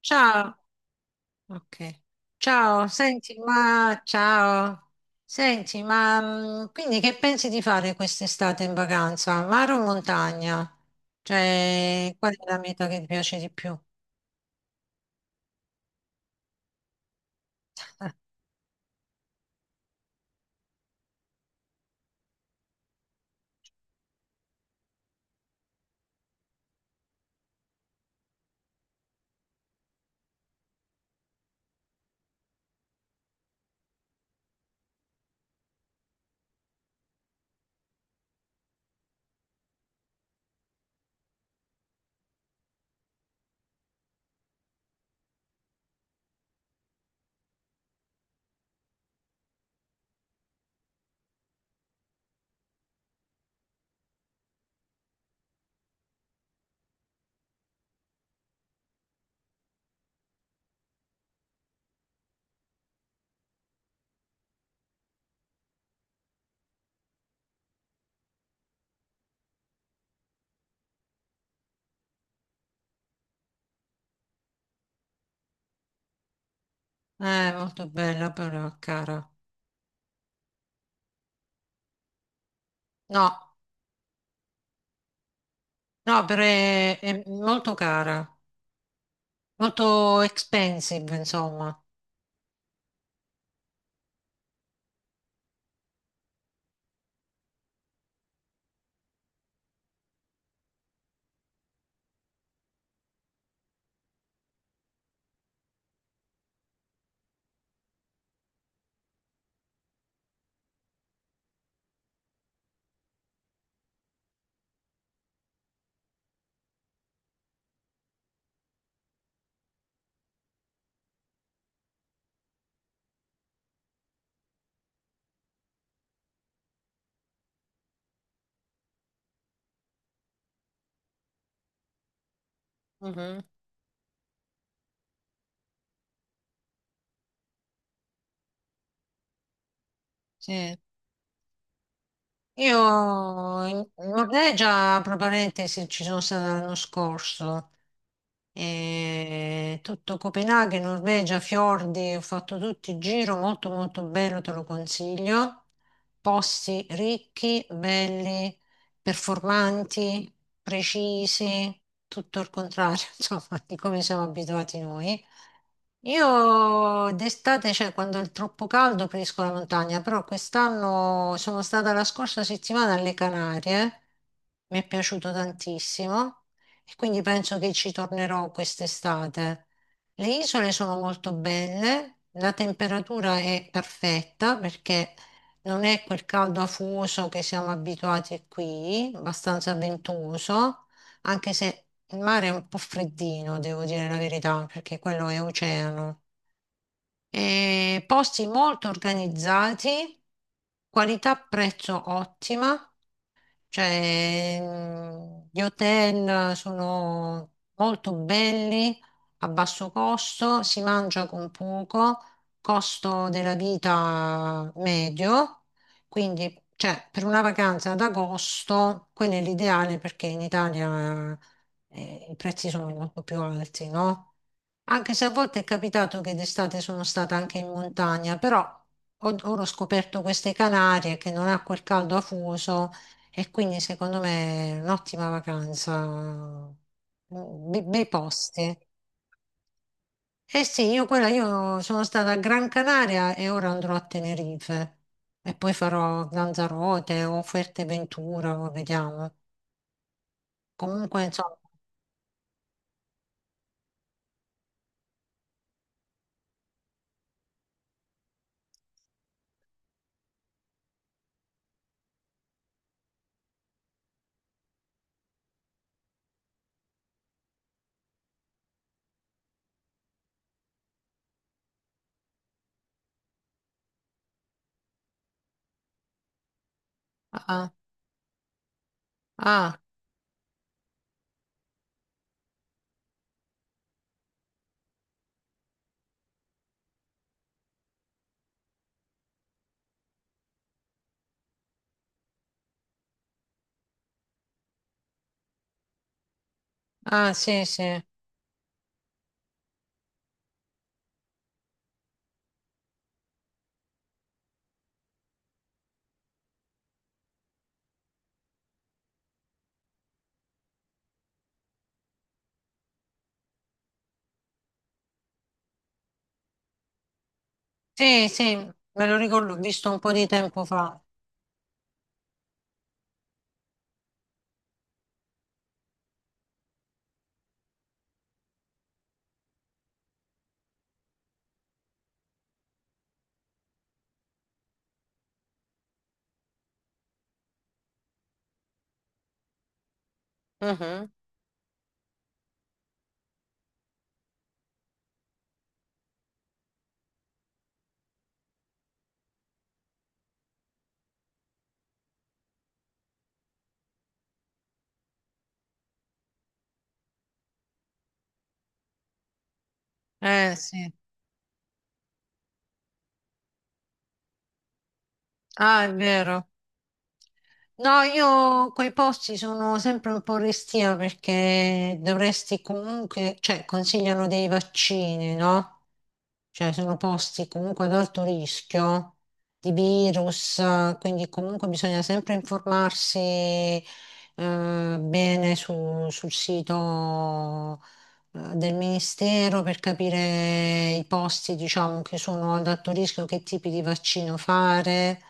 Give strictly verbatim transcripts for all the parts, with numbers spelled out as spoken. Ciao, ok. Ciao, senti, ma ciao. Senti, ma mh, quindi che pensi di fare quest'estate in vacanza? Mare o montagna? Cioè, qual è la meta che ti piace di più? Eh, è molto bella però, cara. No, no, però è, è molto cara, molto expensive, insomma. Mhm. Sì. Io in in Norvegia, tra parentesi, ci sono stata l'anno scorso. E tutto Copenaghen, Norvegia, fiordi, ho fatto tutto il giro, molto molto bello, te lo consiglio. Posti ricchi, belli, performanti, precisi, tutto il contrario, insomma, di come siamo abituati noi. Io d'estate, cioè quando è troppo caldo, preferisco la montagna, però quest'anno sono stata la scorsa settimana alle Canarie, mi è piaciuto tantissimo e quindi penso che ci tornerò quest'estate. Le isole sono molto belle, la temperatura è perfetta perché non è quel caldo afoso che siamo abituati qui, abbastanza ventoso, anche se il mare è un po' freddino, devo dire la verità, perché quello è oceano. E posti molto organizzati, qualità-prezzo ottima, cioè, mh, gli hotel sono molto belli, a basso costo, si mangia con poco, costo della vita medio, quindi cioè, per una vacanza ad agosto, quello è l'ideale perché in Italia eh, i prezzi sono molto più alti, no? Anche se a volte è capitato che d'estate sono stata anche in montagna, però ho- ora ho scoperto queste Canarie che non ha quel caldo afoso e quindi secondo me è un'ottima vacanza. Mm. Be- bei posti. Eh sì, io quella, io sono stata a Gran Canaria e ora andrò a Tenerife e poi farò Lanzarote o Fuerteventura, o vediamo. Comunque, insomma, ah, ah, ah, sì, sì, sì, sì, me lo ricordo, ho visto un po' di tempo fa. Mhm. Eh sì, ah, è vero. No, io quei posti sono sempre un po' restia perché dovresti comunque, cioè consigliano dei vaccini, no? Cioè sono posti comunque ad alto rischio di virus, eh, quindi comunque bisogna sempre informarsi, eh, bene su- sul sito, eh, del Ministero per capire i posti, diciamo, che sono ad alto rischio, che tipi di vaccino fare.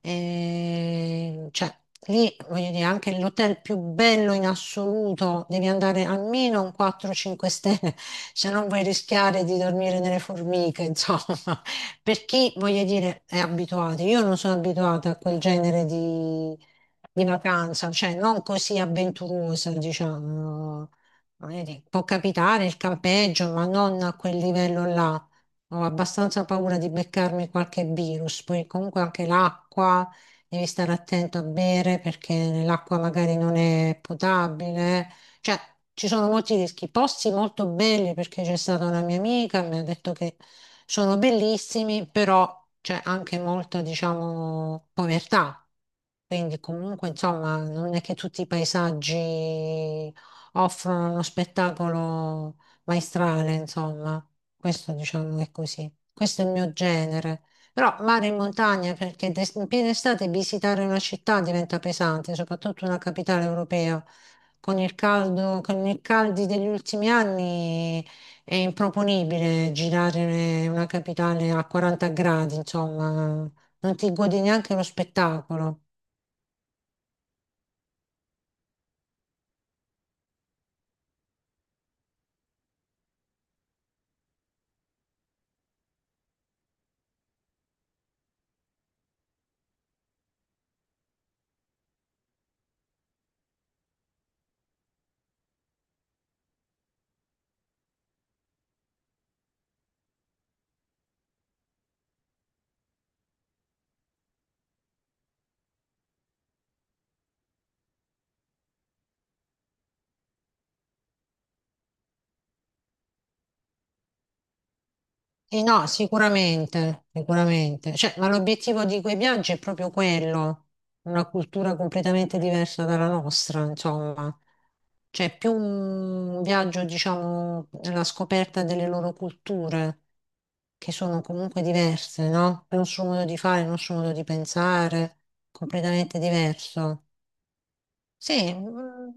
E, cioè, lì, voglio dire, anche l'hotel più bello in assoluto, devi andare almeno a un quattro cinque stelle, se non vuoi rischiare di dormire nelle formiche, insomma. Per chi, voglio dire, è abituato. Io non sono abituata a quel genere di, di vacanza, cioè non così avventurosa, diciamo. Voglio dire, può capitare il campeggio, ma non a quel livello là. Ho abbastanza paura di beccarmi qualche virus, poi comunque anche l'acqua, devi stare attento a bere perché l'acqua magari non è potabile. Cioè, ci sono molti rischi. Posti molto belli perché c'è stata una mia amica, mi ha detto che sono bellissimi, però c'è anche molta, diciamo, povertà. Quindi comunque, insomma, non è che tutti i paesaggi offrono uno spettacolo maestrale, insomma. Questo diciamo è così. Questo è il mio genere. Però mare in montagna, perché d'est- in piena estate visitare una città diventa pesante, soprattutto una capitale europea. Con il caldo, con i caldi degli ultimi anni è improponibile girare una capitale a quaranta gradi, insomma, non ti godi neanche lo spettacolo. Sì, no, sicuramente, sicuramente. Cioè, ma l'obiettivo di quei viaggi è proprio quello, una cultura completamente diversa dalla nostra, insomma. Cioè, più un viaggio, diciamo, alla scoperta delle loro culture, che sono comunque diverse, no? Il nostro modo di fare, il nostro modo di pensare, completamente diverso. Sì, mm.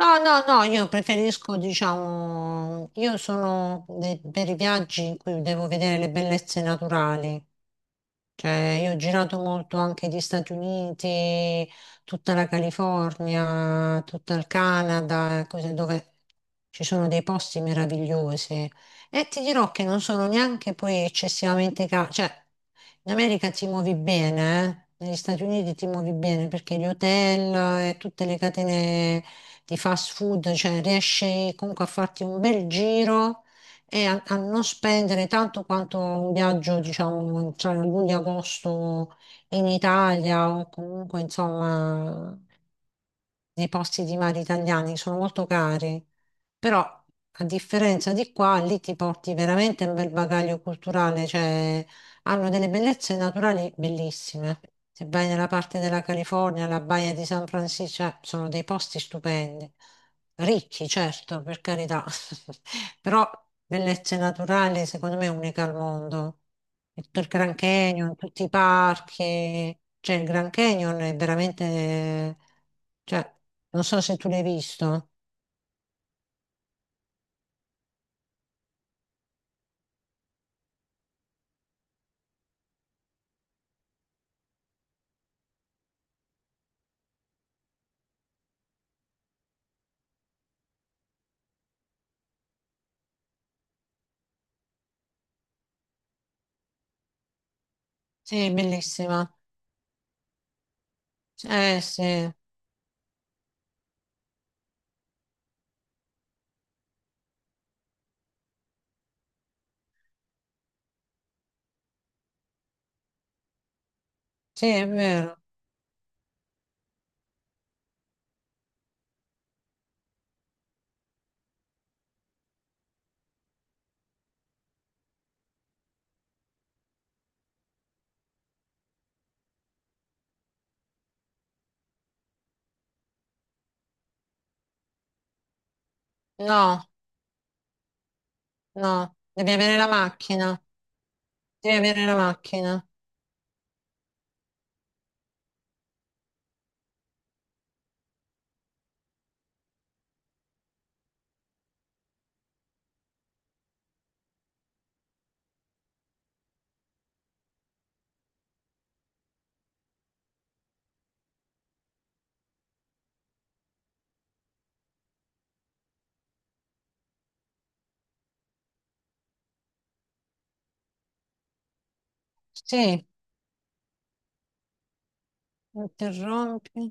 No, no, no, io preferisco, diciamo, io sono de- per i viaggi in cui devo vedere le bellezze naturali, cioè, io ho girato molto anche gli Stati Uniti, tutta la California, tutto il Canada, cose dove ci sono dei posti meravigliosi. E ti dirò che non sono neanche poi eccessivamente cari. Cioè, in America ti muovi bene, eh? Negli Stati Uniti ti muovi bene perché gli hotel e tutte le catene di fast food, cioè riesci comunque a farti un bel giro e a, a non spendere tanto quanto un viaggio, diciamo, tra luglio e agosto in Italia o comunque, insomma, nei posti di mare italiani sono molto cari. Però, a differenza di qua, lì ti porti veramente un bel bagaglio culturale, cioè hanno delle bellezze naturali bellissime. Se vai nella parte della California, la baia di San Francisco, cioè, sono dei posti stupendi. Ricchi, certo, per carità, però bellezze naturali secondo me uniche al mondo. E tutto Il Grand Canyon, tutti i parchi, cioè il Grand Canyon è veramente, cioè, non so se tu l'hai visto. Sì, è bellissima. Eh sì, sì, è vero. No, no, devi avere la macchina, devi avere la macchina. Sì, interrompi.